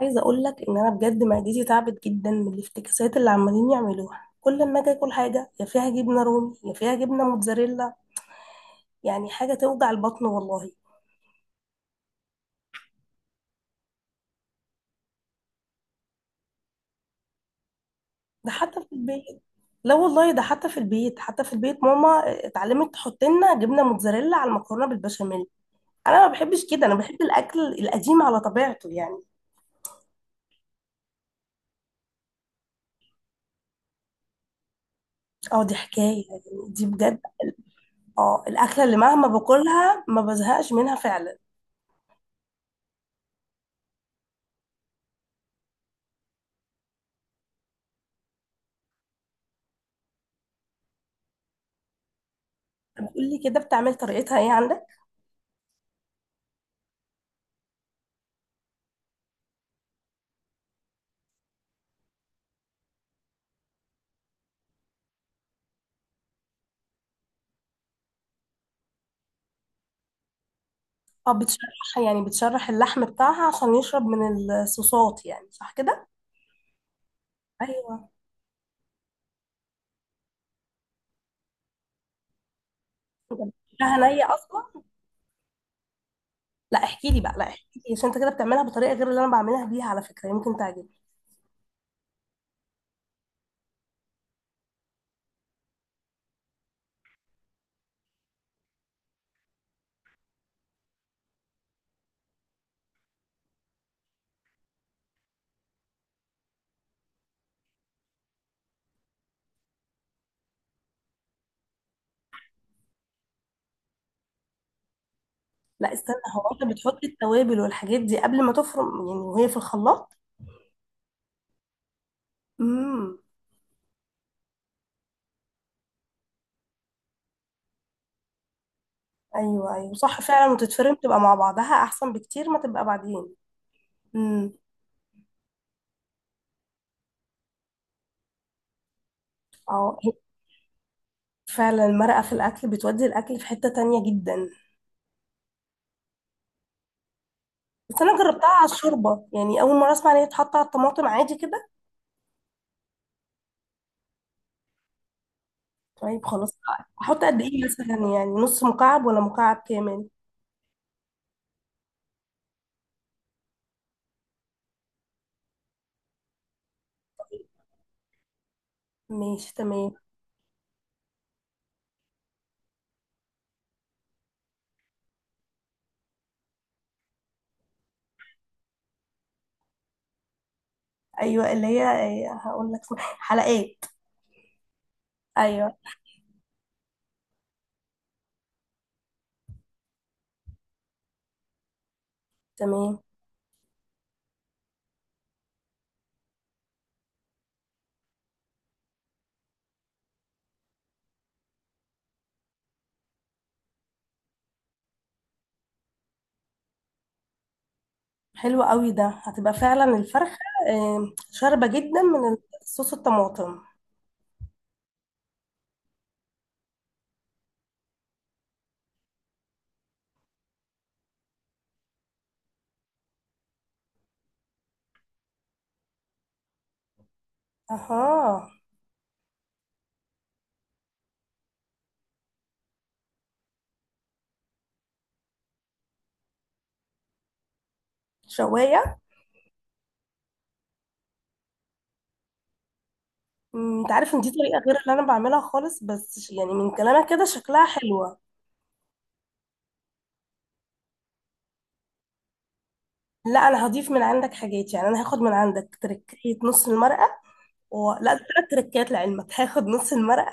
عايزه اقول لك ان انا بجد معدتي تعبت جدا من الافتكاسات اللي عمالين يعملوها، كل ما اجي اكل حاجه يا فيها جبنه رومي يا فيها جبنه موتزاريلا، يعني حاجه توجع البطن والله. ده حتى في البيت. لا والله، ده حتى في البيت، حتى في البيت ماما اتعلمت تحط لنا جبنه موتزاريلا على المكرونه بالبشاميل. انا ما بحبش كده، انا بحب الاكل القديم على طبيعته يعني. اه دي حكايه يعني، دي بجد. اه الاكله اللي مهما باكلها ما بزهقش منها فعلا. قولي كده، بتعمل طريقتها ايه عندك؟ اه بتشرح يعني بتشرح اللحم بتاعها عشان يشرب من الصوصات، يعني صح كده؟ ايوه، بتاعها نية اصلا. لا احكي لي بقى، لا احكي لي عشان انت كده بتعملها بطريقه غير اللي انا بعملها بيها، على فكره يمكن تعجبك. لا استنى، هو انت بتحط التوابل والحاجات دي قبل ما تفرم يعني وهي في الخلاط؟ امم. ايوه، ايوه، صح فعلا، وتتفرم تبقى مع بعضها احسن بكتير ما تبقى بعدين. امم. اه هي. فعلا المرقه في الاكل بتودي الاكل في حته تانية جدا. بس انا جربتها على الشوربه، يعني اول مره اسمع ان هي تتحط على الطماطم عادي كده. طيب خلاص. احط قد ايه مثلا، يعني نص مكعب ولا مكعب كامل؟ ماشي تمام. ايوه، اللي هي إيه، هقول لك اسمها، حلقات. ايوه. تمام. حلو قوي، ده هتبقى فعلا الفرخه إيه، شاربه جدا من صوص الطماطم. اها. شوايه. أمم، انت عارف ان دي طريقه غير اللي انا بعملها خالص، بس يعني من كلامك كده شكلها حلوه. لا انا هضيف من عندك حاجات، يعني انا هاخد من عندك تركية نص المرقه لا، ثلاث تركات لعلمك هاخد نص المرقه.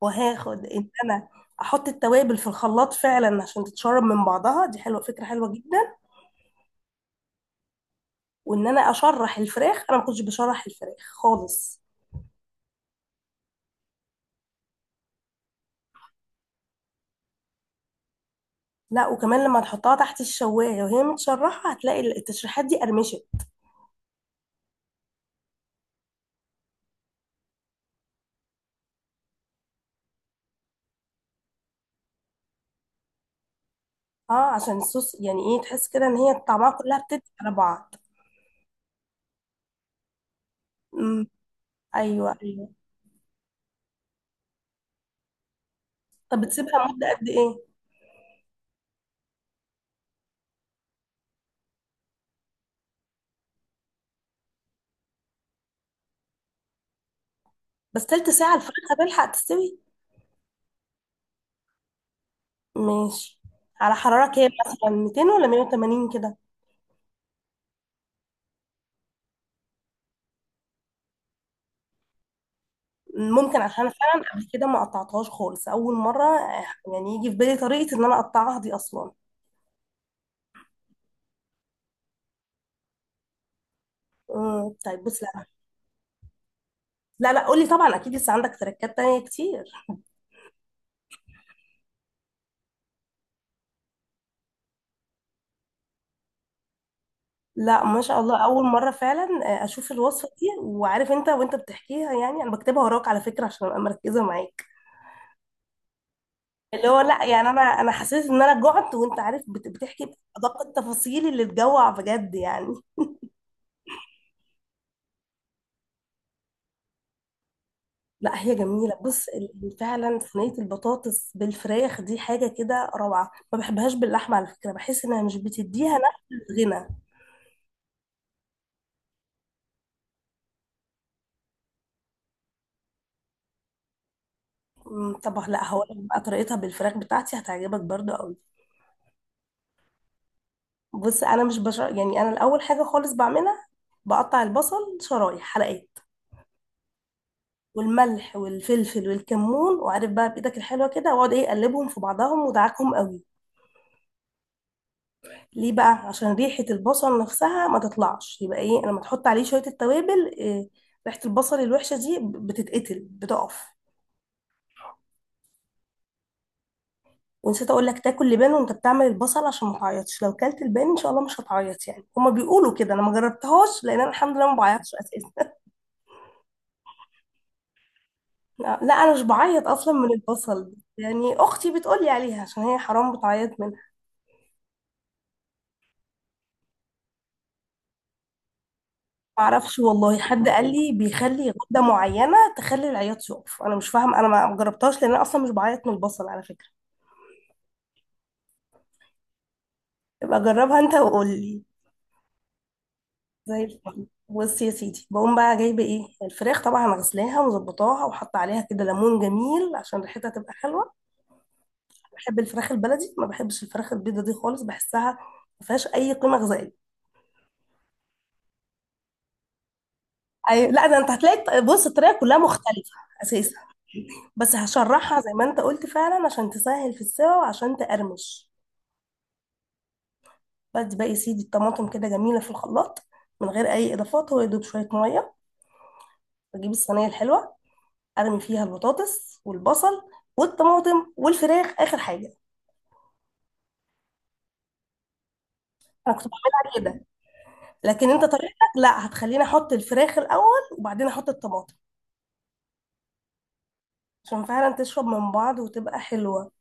وهاخد ان انا احط التوابل في الخلاط فعلا عشان تتشرب من بعضها، دي حلوه، فكره حلوه جدا. وان انا اشرح الفراخ، انا ما كنتش بشرح الفراخ خالص. لا، وكمان لما تحطها تحت الشوايه وهي متشرحه هتلاقي التشريحات دي قرمشت. اه عشان الصوص يعني ايه، تحس كده ان هي طعمها كلها بتدي على بعض. امم. ايوه، ايوه. طب بتسيبها مده قد ايه؟ بس تلت ساعه الفراخ هتلحق تستوي؟ ماشي. على حراره كام مثلا، 200 ولا 180 كده؟ ممكن، عشان أنا فعلا قبل كده ما قطعتهاش خالص اول مره يعني يجي في بالي طريقه ان انا اقطعها دي اصلا. مم، طيب بص. لا لا، لا، قولي طبعا، اكيد لسه عندك تركات تانية كتير. لا ما شاء الله، اول مره فعلا اشوف الوصفه دي، وعارف انت بتحكيها، يعني انا بكتبها وراك على فكره عشان ابقى مركزه معاك. اللي هو لا، يعني انا حسيت ان انا جعت، وانت عارف بتحكي بادق التفاصيل اللي تجوع بجد يعني. لا هي جميلة، بص فعلا صينية البطاطس بالفراخ دي حاجة كده روعة، ما بحبهاش باللحمة على فكرة، بحس انها مش بتديها نفس الغنى. أمم، طب لا، هقول لك بقى طريقتها بالفراخ بتاعتي هتعجبك برضو قوي. بص انا مش بش... يعني انا الاول حاجة خالص بعملها، بقطع البصل شرايح حلقات. والملح والفلفل والكمون، وعارف بقى بايدك الحلوة كده، واقعد ايه اقلبهم في بعضهم ودعكهم قوي. ليه بقى؟ عشان ريحة البصل نفسها ما تطلعش، يبقى ايه لما تحط عليه شوية التوابل إيه، ريحة البصل الوحشة دي بتتقتل، بتقف. ونسيت اقول لك تاكل لبان وانت بتعمل البصل عشان ما تعيطش، لو كلت البان ان شاء الله مش هتعيط، يعني هما بيقولوا كده، انا ما جربتهاش لان انا الحمد لله ما بعيطش اساسا. لا، لا، انا مش بعيط اصلا من البصل. يعني اختي بتقول لي عليها عشان هي حرام بتعيط منها. ما اعرفش والله، حد قال لي بيخلي غده معينه تخلي العياط يقف، انا مش فاهم، انا ما جربتهاش لان انا اصلا مش بعيط من البصل على فكره. يبقى جربها انت وقول لي. زي الفل. بص يا سيدي، بقوم بقى جايبه ايه الفراخ طبعا، غسلاها ومظبطاها وحاطه عليها كده ليمون جميل عشان ريحتها تبقى حلوه. بحب الفراخ البلدي، ما بحبش الفراخ البيضه دي خالص، بحسها ما فيهاش اي قيمه غذائيه. لا ده انت هتلاقي، بص الطريقه كلها مختلفه اساسا. بس هشرحها زي ما انت قلت فعلا عشان تسهل في السوا وعشان تقرمش. بدي بقى يا سيدي الطماطم كده جميله في الخلاط، من غير اي اضافات، هو يدوب شويه ميه. بجيب الصينيه الحلوه، ارمي فيها البطاطس والبصل والطماطم والفراخ اخر حاجه. انا كنت بعملها كده، لكن انت طريقتك، لا هتخليني احط الفراخ الاول وبعدين احط الطماطم، عشان فعلا تشرب من بعض وتبقى حلوه.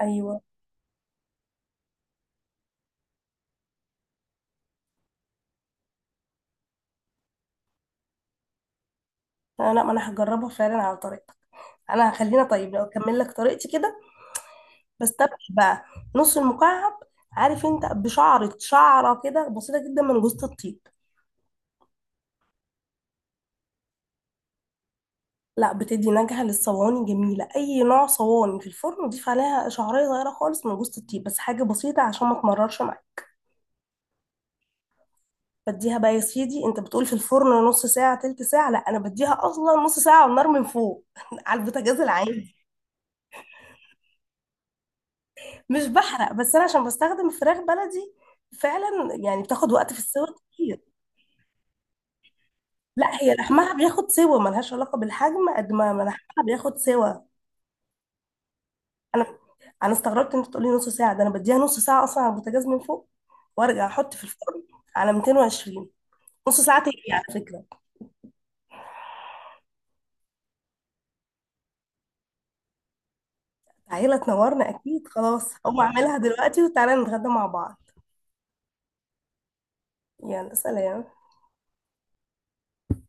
ايوه. لا، لا، ما انا هجربها فعلا على طريقتك. انا هخلينا طيب لو اكمل لك طريقتي كده، بس تبقى بقى نص المكعب. عارف انت بشعرة شعرة كده بسيطة جدا من جوز الطيب. لا بتدي نكهة للصواني جميلة، أي نوع صواني في الفرن، وضيف عليها شعرية صغيرة خالص من جوز الطيب، بس حاجة بسيطة عشان ما تمررش معاك. بديها بقى يا سيدي، انت بتقول في الفرن نص ساعة تلت ساعة، لا انا بديها اصلا نص ساعة على النار من فوق. على البوتاجاز العادي. مش بحرق، بس انا عشان بستخدم فراخ بلدي فعلا، يعني بتاخد وقت في السوا كتير. لا هي لحمها بياخد سوا، ملهاش علاقة بالحجم قد ما لحمها بياخد سوا. انا انا استغربت ان انت تقولي نص ساعه، ده انا بديها نص ساعه اصلا على البوتاجاز من فوق، وارجع احط في الفرن على 220، نص ساعه تقلي على فكره. تعالى تنورنا اكيد، خلاص هقوم اعملها دلوقتي وتعالى نتغدى مع بعض. يلا سلام.